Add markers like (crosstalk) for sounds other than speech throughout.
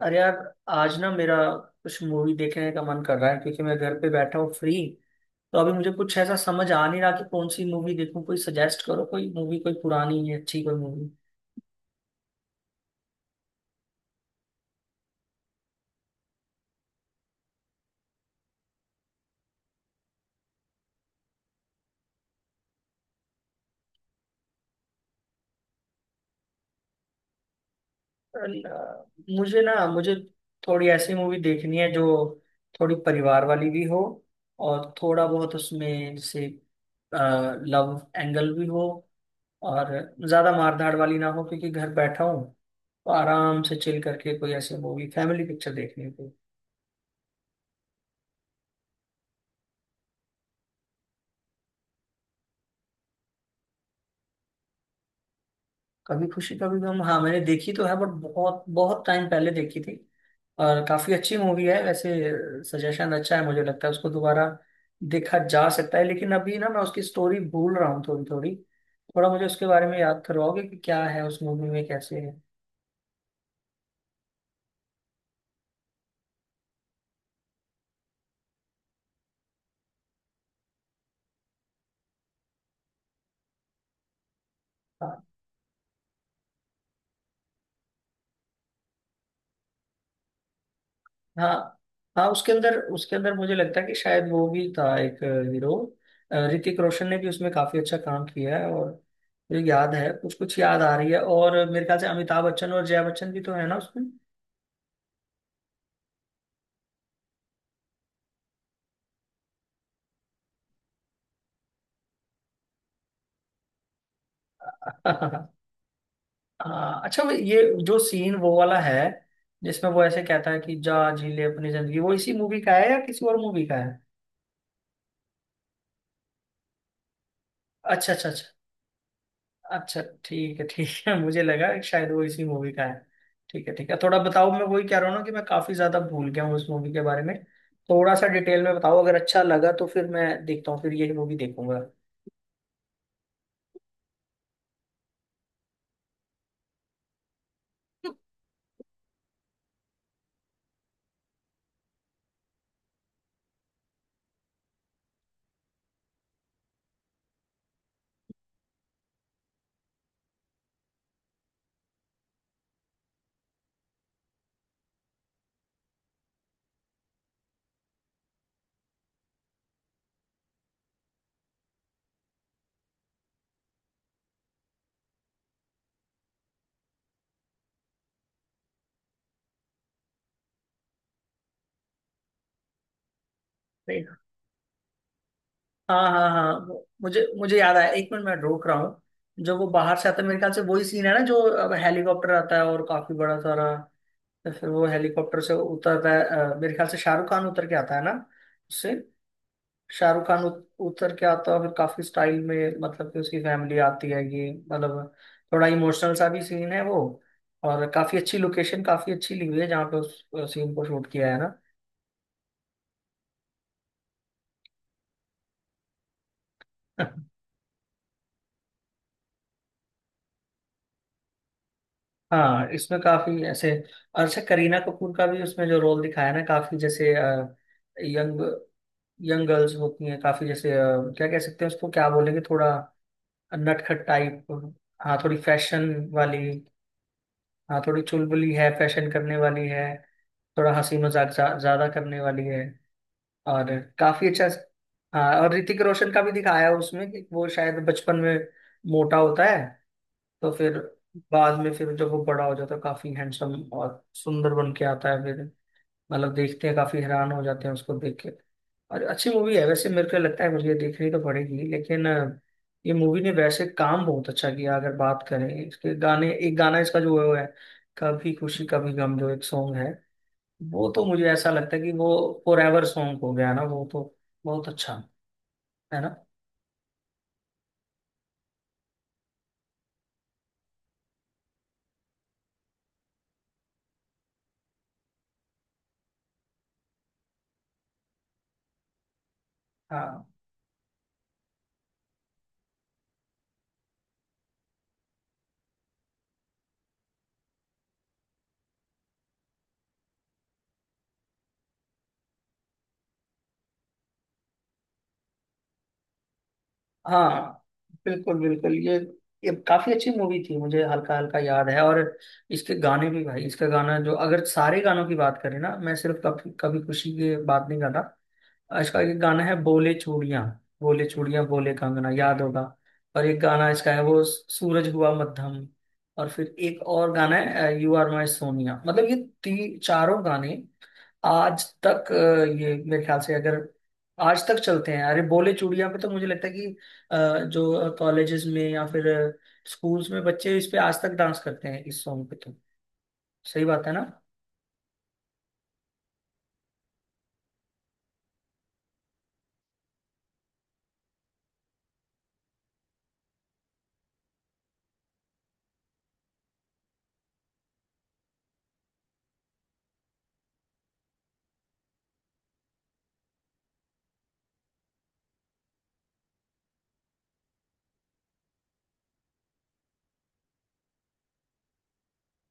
अरे यार, आज ना मेरा कुछ मूवी देखने का मन कर रहा है क्योंकि मैं घर पे बैठा हूँ फ्री। तो अभी मुझे कुछ ऐसा समझ आ नहीं रहा कि कौन सी मूवी देखूँ। कोई सजेस्ट करो, कोई मूवी, कोई पुरानी है अच्छी कोई मूवी। अ, मुझे थोड़ी ऐसी मूवी देखनी है जो थोड़ी परिवार वाली भी हो, और थोड़ा बहुत उसमें जैसे लव एंगल भी हो, और ज्यादा मारधाड़ वाली ना हो क्योंकि घर बैठा हूँ। तो आराम से चिल करके कोई ऐसी मूवी, फैमिली पिक्चर देखनी है। कभी खुशी कभी गम, हाँ मैंने देखी तो है बट बहुत बहुत टाइम पहले देखी थी, और काफी अच्छी मूवी है वैसे। सजेशन अच्छा है, मुझे लगता है उसको दोबारा देखा जा सकता है। लेकिन अभी ना मैं उसकी स्टोरी भूल रहा हूँ थोड़ी थोड़ी। थोड़ा मुझे उसके बारे में याद करवाओगे कि क्या है उस मूवी में, कैसे है। हाँ हाँ हाँ, उसके अंदर मुझे लगता है कि शायद वो भी था एक हीरो, ऋतिक रोशन ने भी उसमें काफी अच्छा काम किया है। और मुझे याद है, कुछ कुछ याद आ रही है, और मेरे ख्याल से अमिताभ बच्चन और जया बच्चन भी तो है ना उसमें। हाँ। अच्छा वो ये जो सीन वो वाला है जिसमें वो ऐसे कहता है कि जा जी ले अपनी जिंदगी, वो इसी मूवी का है या किसी और मूवी का है? अच्छा अच्छा अच्छा। अच्छा ठीक है ठीक है, मुझे लगा कि शायद वो इसी मूवी का है। ठीक है ठीक है, थोड़ा बताओ, मैं वही कह रहा हूँ ना कि मैं काफी ज्यादा भूल गया हूँ उस मूवी के बारे में। थोड़ा सा डिटेल में बताओ, अगर अच्छा लगा तो फिर मैं देखता हूँ, फिर ये मूवी देखूंगा। हाँ हाँ हाँ हाँ, मुझे मुझे याद आया, 1 मिनट मैं रोक रहा हूँ। जो वो बाहर से आता है मेरे ख्याल से वही सीन है ना, जो अब हेलीकॉप्टर आता है और काफी बड़ा सारा। तो फिर वो हेलीकॉप्टर से उतरता है, मेरे ख्याल से शाहरुख खान उतर के आता है ना उससे। शाहरुख खान उतर के आता है और फिर काफी स्टाइल में, मतलब कि उसकी फैमिली आती है ये, मतलब थोड़ा इमोशनल सा भी सीन है वो। और काफी अच्छी लोकेशन, काफी अच्छी ली हुई है जहाँ पे उस सीन को शूट किया है ना। (laughs) हाँ इसमें काफी ऐसे। और अच्छा, करीना कपूर का भी उसमें जो रोल दिखाया है ना, काफी जैसे यंग, यंग गर्ल्स होती हैं, काफी जैसे क्या कह सकते हैं उसको, क्या बोलेंगे, थोड़ा नटखट टाइप। हाँ थोड़ी फैशन वाली। हाँ थोड़ी चुलबुली है, फैशन करने वाली है, थोड़ा हंसी मजाक ज्यादा करने वाली है। और काफी अच्छा। हाँ और ऋतिक रोशन का भी दिखाया है उसमें कि वो शायद बचपन में मोटा होता है, तो फिर बाद में फिर जब वो बड़ा हो जाता है काफी हैंडसम और सुंदर बन के आता है, फिर मतलब देखते हैं काफी हैरान हो जाते हैं उसको देख के। और अच्छी मूवी है वैसे, मेरे को लगता है मुझे ये देखनी तो पड़ेगी लेकिन ये मूवी ने वैसे काम बहुत अच्छा किया। अगर बात करें इसके गाने, एक गाना इसका जो है वो है कभी खुशी कभी गम जो एक सॉन्ग है, वो तो मुझे ऐसा लगता है कि वो फॉर एवर सॉन्ग हो गया ना वो तो। बहुत अच्छा है ना। हाँ। हाँ बिल्कुल बिल्कुल, ये काफी अच्छी मूवी थी, मुझे हल्का हल्का याद है। और इसके गाने भी भाई, इसका गाना जो, अगर सारे गानों की बात करें ना, मैं सिर्फ कभी कभी खुशी की बात नहीं कर रहा। इसका एक गाना है बोले चूड़ियां, बोले चूड़ियां बोले कंगना, याद होगा। और एक गाना इसका है वो सूरज हुआ मध्यम। और फिर एक और गाना है यू आर माय सोनिया, मतलब ये ती चारों गाने आज तक ये मेरे ख्याल से, अगर आज तक चलते हैं। अरे बोले चूड़ियां पे तो मुझे लगता है कि अ, जो कॉलेजेस में या फिर स्कूल्स में बच्चे इस पे आज तक डांस करते हैं इस सॉन्ग पे, तो सही बात है ना।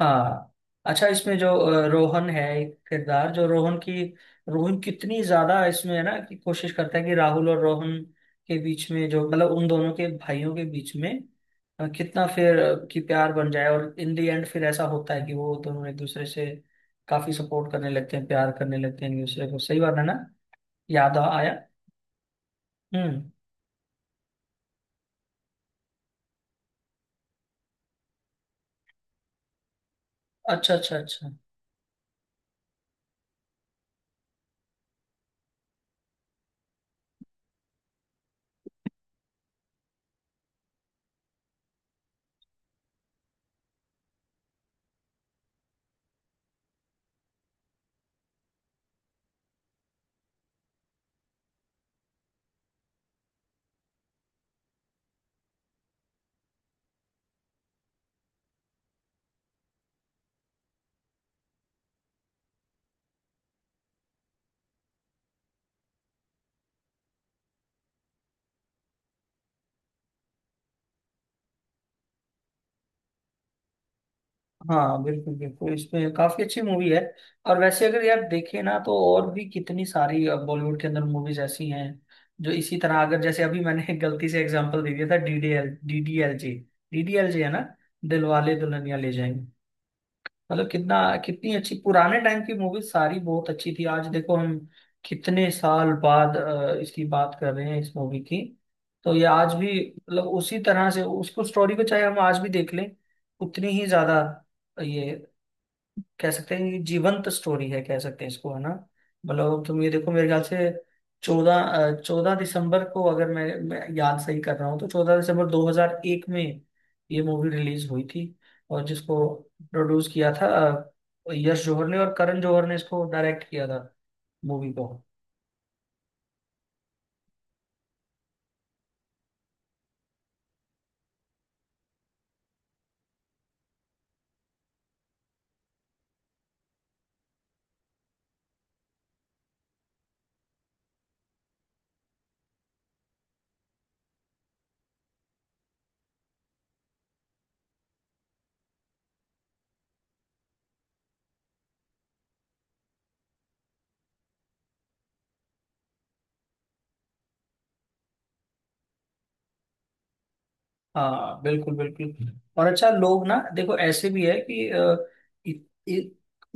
हाँ, अच्छा इसमें जो रोहन है, एक किरदार जो रोहन की, रोहन कितनी ज्यादा इसमें है ना कि कोशिश करता है कि राहुल और रोहन के बीच में जो, मतलब उन दोनों के भाइयों के बीच में कितना फिर कि प्यार बन जाए, और इन दी एंड फिर ऐसा होता है कि वो दोनों एक दूसरे से काफी सपोर्ट करने लगते हैं, प्यार करने लगते हैं एक दूसरे को, सही बात है ना। आया। हम्म। अच्छा अच्छा अच्छा। हाँ बिल्कुल बिल्कुल, इसमें काफी अच्छी मूवी है। और वैसे अगर यार देखें ना तो और भी कितनी सारी बॉलीवुड के अंदर मूवीज ऐसी हैं जो इसी तरह, अगर जैसे अभी मैंने (laughs) गलती से एग्जांपल दे दिया था डीडीएलजे, डीडीएलजे है ना, दिलवाले दुल्हनिया ले जाएंगे। मतलब कितना, कितनी अच्छी पुराने टाइम की मूवीज सारी बहुत अच्छी थी। आज देखो हम कितने साल बाद इसकी बात कर रहे हैं, इस मूवी की। तो ये आज भी मतलब उसी तरह से उसको, स्टोरी को चाहे हम आज भी देख लें उतनी ही ज्यादा, ये कह सकते हैं ये जीवंत स्टोरी है, कह सकते हैं इसको है ना। मतलब तुम ये देखो, मेरे ख्याल से चौदह चौदह दिसंबर को, अगर मैं याद सही कर रहा हूँ तो 14 दिसंबर 2001 में ये मूवी रिलीज हुई थी। और जिसको प्रोड्यूस किया था यश जौहर ने, और करण जौहर ने इसको डायरेक्ट किया था मूवी को। हाँ बिल्कुल बिल्कुल, और अच्छा लोग ना देखो ऐसे भी है कि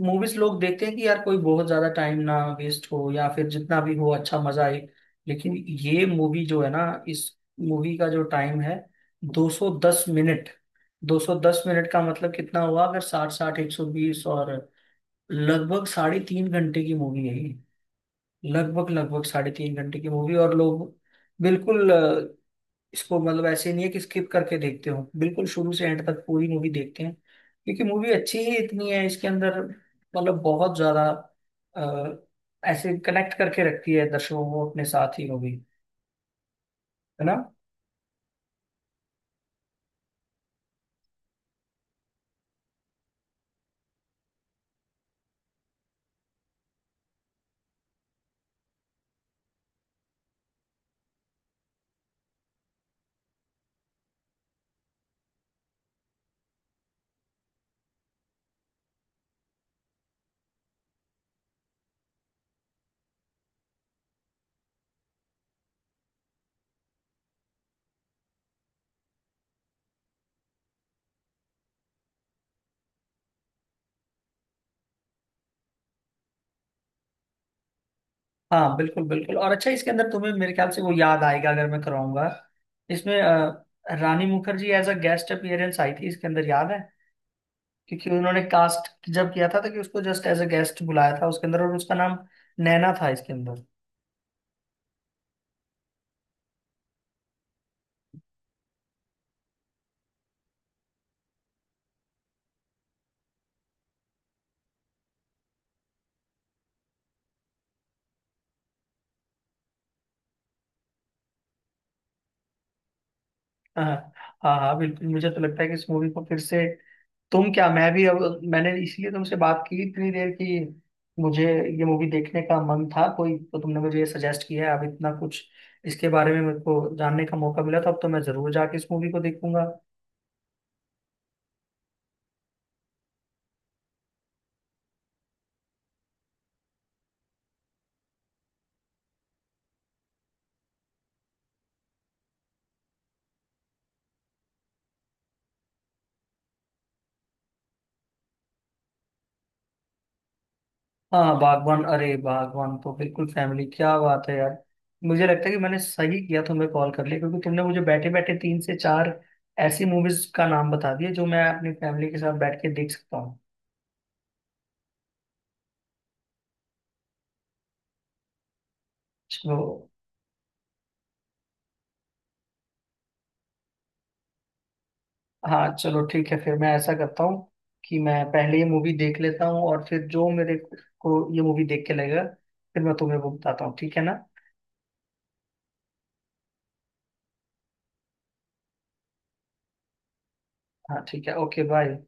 मूवीज लोग देखते हैं कि यार कोई बहुत ज्यादा टाइम ना वेस्ट हो, या फिर जितना भी हो अच्छा मजा आए। लेकिन ये मूवी जो है ना, इस मूवी का जो टाइम है 210 मिनट। 210 मिनट का मतलब कितना हुआ, अगर 60, 60, 120 और लगभग 3.5 घंटे की मूवी है ये। लगभग लगभग साढ़े तीन घंटे की मूवी, और लोग बिल्कुल इसको, मतलब ऐसे नहीं है कि स्किप करके देखते हो, बिल्कुल शुरू से एंड तक पूरी मूवी देखते हैं क्योंकि मूवी अच्छी ही इतनी है इसके अंदर, मतलब बहुत ज्यादा अ, ऐसे कनेक्ट करके रखती है दर्शकों को अपने साथ ही मूवी, है ना। हाँ बिल्कुल बिल्कुल, और अच्छा इसके अंदर तुम्हें मेरे ख्याल से वो याद आएगा, अगर मैं कराऊंगा इसमें रानी Mukherjee as a guest appearance आई थी इसके अंदर, याद है। क्योंकि उन्होंने कास्ट जब किया था तो कि उसको जस्ट एज अ गेस्ट बुलाया था उसके अंदर, और उसका नाम नैना था इसके अंदर। हाँ हाँ हाँ बिल्कुल, मुझे तो लगता है कि इस मूवी को फिर से, तुम क्या मैं भी, अब मैंने इसलिए तुमसे बात की इतनी देर की। मुझे ये मूवी देखने का मन था, कोई तो तुमने मुझे ये सजेस्ट किया है। अब इतना कुछ इसके बारे में मेरे को जानने का मौका मिला, तो अब तो मैं जरूर जाके इस मूवी को देखूंगा। हाँ बागवान, अरे बागवान तो बिल्कुल फैमिली, क्या बात है यार। मुझे लगता है कि मैंने सही किया तुम्हें कॉल कर लिया, क्योंकि तुमने मुझे बैठे बैठे तीन से चार ऐसी मूवीज का नाम बता दिए जो मैं अपनी फैमिली के साथ बैठ के देख सकता हूँ। तो हाँ चलो ठीक है, फिर मैं ऐसा करता हूँ कि मैं पहले ये मूवी देख लेता हूँ, और फिर जो मेरे को ये मूवी देख के लगेगा फिर मैं तुम्हें वो बताता हूँ, ठीक है ना। हाँ ठीक है, ओके बाय।